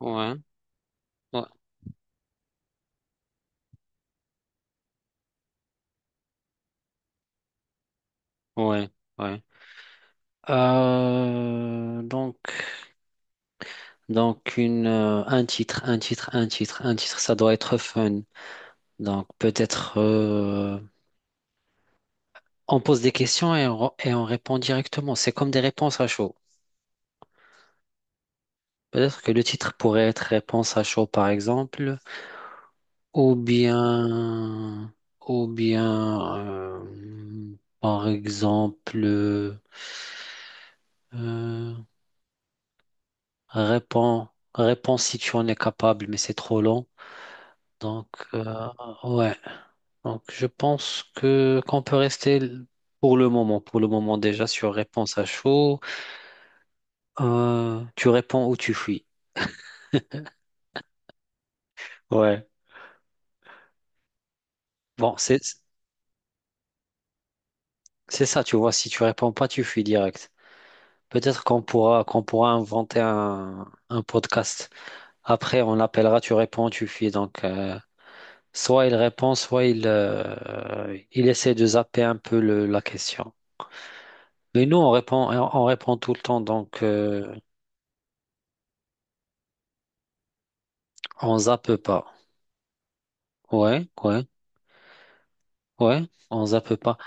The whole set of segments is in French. Ouais, ouais, ouais, ouais. Euh, donc, donc une, un titre, un titre, ça doit être fun. Donc peut-être on pose des questions et on répond directement. C'est comme des réponses à chaud. Peut-être que le titre pourrait être réponse à chaud, par exemple, ou bien, ou bien, par exemple. euh, Réponds, réponds si tu en es capable, mais c'est trop long. Donc, euh, ouais. Donc, je pense que qu'on peut rester pour le moment déjà sur réponse à chaud. Tu réponds ou tu fuis. Ouais. Bon, c'est ça, tu vois. Si tu réponds pas, tu fuis direct. Peut-être qu'on pourra inventer un podcast. Après, on l'appellera. Tu réponds, tu fuis. Soit il répond, soit il essaie de zapper un peu la question. Mais nous, on répond tout le temps, on zappe pas. Ouais, ouais, ouais, on zappe pas.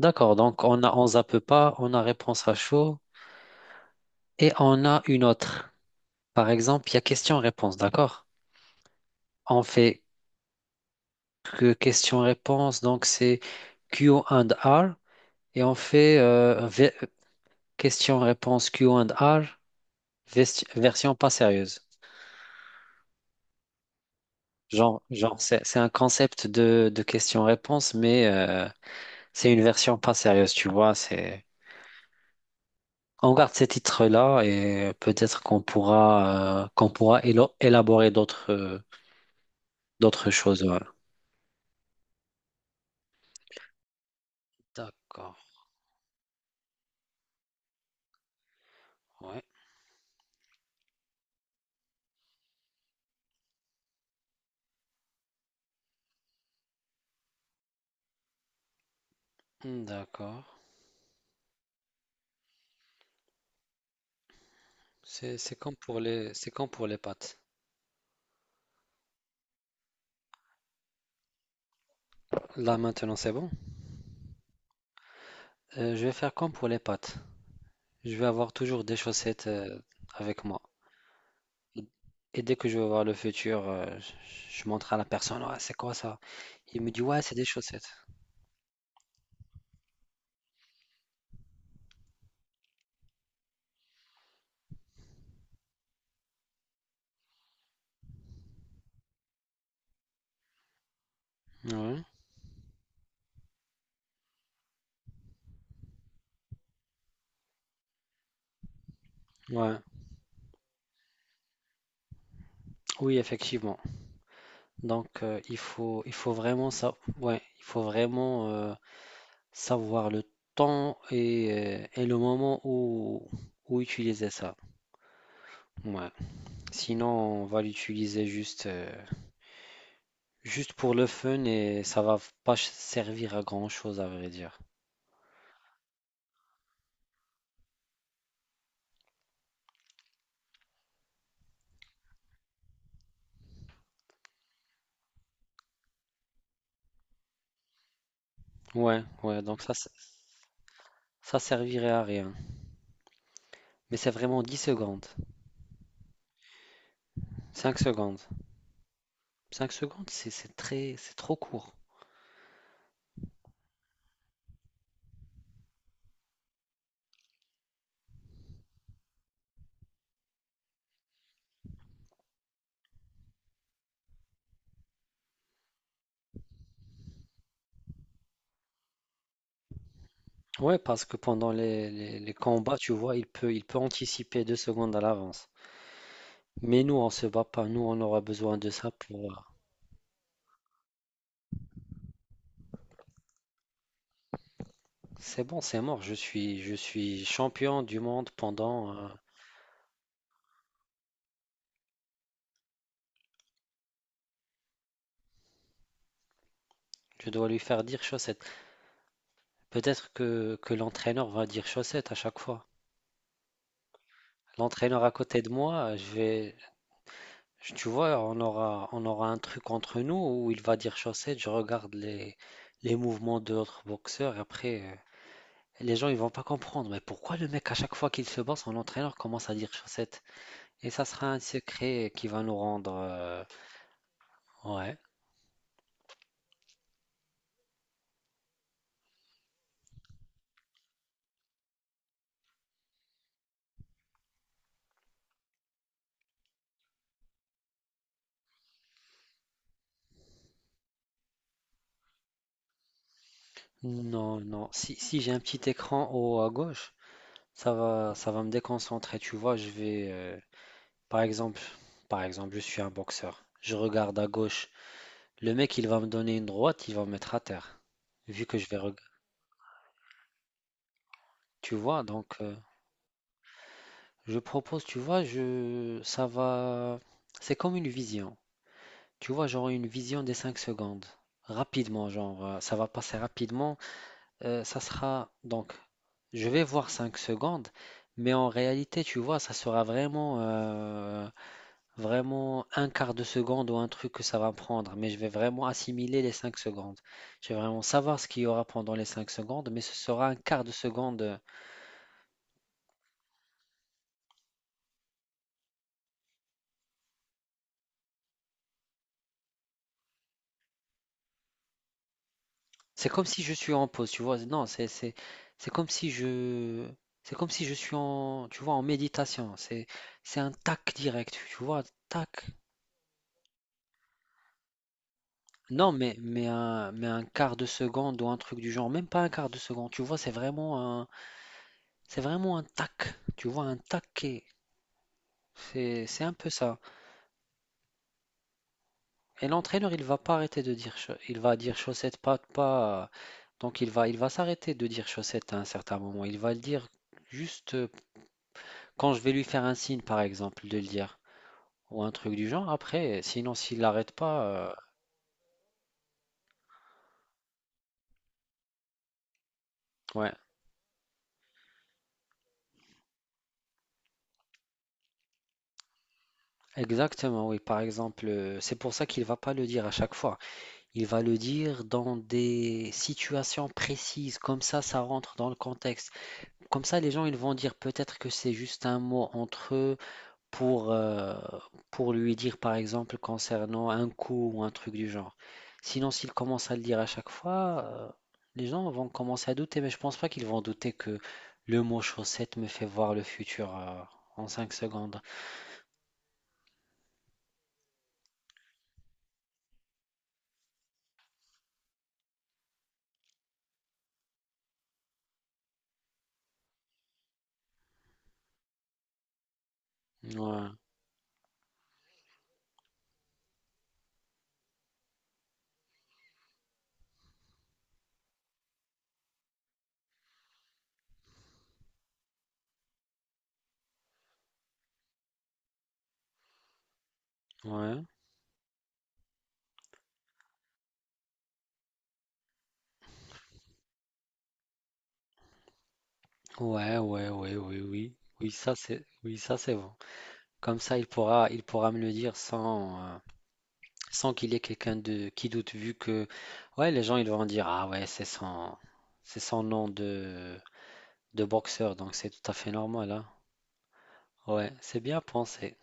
D'accord, donc on a on zappe pas, on a réponse à chaud et on a une autre. Par exemple, il y a question-réponse, d'accord? On fait que question-réponse, donc c'est Q and R et on fait question-réponse Q and R version pas sérieuse. Genre c'est un concept de question-réponse, mais c'est une version pas sérieuse, tu vois. C'est on garde ces titres-là et peut-être qu'on pourra élaborer d'autres d'autres choses. Ouais. D'accord, ouais. Hmm, d'accord. C'est comme pour les pâtes. Là maintenant c'est bon. Je vais faire comme pour les pâtes. Je vais avoir toujours des chaussettes avec moi. Et dès que je vais voir le futur, je montre à la personne, ah, c'est quoi ça? Il me dit ouais c'est des chaussettes. Ouais, ouais, oui effectivement. Il faut vraiment ça, ouais, il faut vraiment savoir le temps et et le moment où, où utiliser ça. Ouais. Sinon, on va l'utiliser juste pour le fun et ça va pas ch- servir à grand-chose, à vrai dire. Ouais, ouais, donc ça, ça servirait à rien. Mais c'est vraiment 10 secondes, 5 secondes. Cinq secondes, c'est trop court. Ouais, parce que pendant les combats, tu vois, il peut anticiper deux secondes à l'avance. Mais nous, on se bat pas. Nous, on aura besoin de ça pour. C'est bon, c'est mort. Je suis champion du monde pendant. Je dois lui faire dire chaussette. Peut-être que l'entraîneur va dire chaussette à chaque fois. L'entraîneur à côté de moi, tu vois, on aura un truc entre nous où il va dire chaussette. Je regarde les mouvements de l'autre boxeur. Et après. Les gens ils vont pas comprendre, mais pourquoi le mec à chaque fois qu'il se bat, son entraîneur commence à dire chaussette? Et ça sera un secret qui va nous rendre... Ouais. Non, non. Si j'ai un petit écran au haut à gauche, ça va me déconcentrer. Tu vois, je vais... Par exemple, par exemple, je suis un boxeur. Je regarde à gauche. Le mec, il va me donner une droite, il va me mettre à terre. Vu que je vais... Tu vois, donc... Je propose, tu vois, je... ça va... C'est comme une vision. Tu vois, genre une vision des 5 secondes. Rapidement, ça va passer rapidement. Ça sera donc, je vais voir 5 secondes, mais en réalité, tu vois, ça sera vraiment un quart de seconde ou un truc que ça va prendre. Mais je vais vraiment assimiler les 5 secondes. Je vais vraiment savoir ce qu'il y aura pendant les 5 secondes, mais ce sera un quart de seconde. C'est comme si je suis en pause, tu vois. Non, c'est comme si je c'est comme si je suis en tu vois en méditation. C'est un tac direct, tu vois, tac. Non, mais un quart de seconde ou un truc du genre, même pas un quart de seconde. Tu vois, c'est vraiment un tac. Tu vois un taquet. C'est un peu ça. Et l'entraîneur, il va pas arrêter de dire il va dire chaussette pas pas. Donc il va s'arrêter de dire chaussette à un certain moment. Il va le dire juste quand je vais lui faire un signe, par exemple, de le dire, ou un truc du genre, après, sinon s'il l'arrête pas. Ouais, exactement, oui, par exemple, c'est pour ça qu'il va pas le dire à chaque fois. Il va le dire dans des situations précises, comme ça rentre dans le contexte. Comme ça, les gens, ils vont dire peut-être que c'est juste un mot entre eux, pour, euh, pour lui dire par exemple concernant un coût ou un truc du genre. Sinon, s'il commence à le dire à chaque fois, les gens vont commencer à douter, mais je pense pas qu'ils vont douter que le mot chaussette me fait voir le futur en 5 secondes. Ouais, ouais, ouais, ouais, ouais, oui, oui. Oui, ça c'est bon. Comme ça, il pourra me le dire sans sans qu'il y ait quelqu'un de qui doute vu que ouais, les gens ils vont dire ah ouais, c'est son nom de boxeur, donc c'est tout à fait normal, hein. Ouais, c'est bien pensé.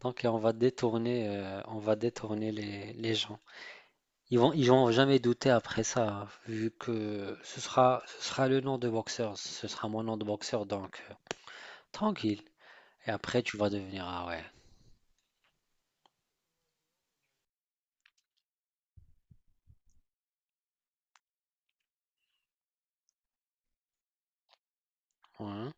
Donc on va on va détourner les gens. Ils vont jamais douter après ça, hein, vu que ce ce sera le nom de boxeur, ce sera mon nom de boxeur, tranquille. Et après tu vas devenir ah ouais, ouais,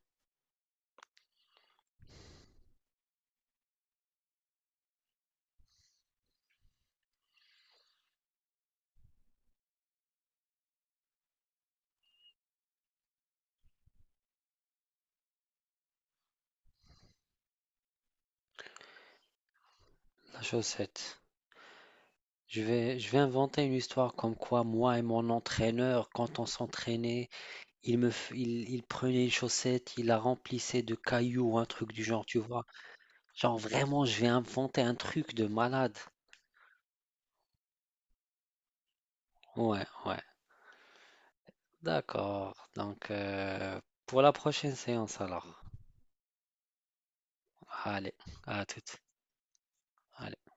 la chaussette. Je vais inventer une histoire comme quoi moi et mon entraîneur, quand on s'entraînait, il prenait une chaussette, il la remplissait de cailloux, un truc du genre, tu vois. Genre vraiment, je vais inventer un truc de malade. Ouais, ouais. D'accord. Pour la prochaine séance alors. Allez, à toute. Allez.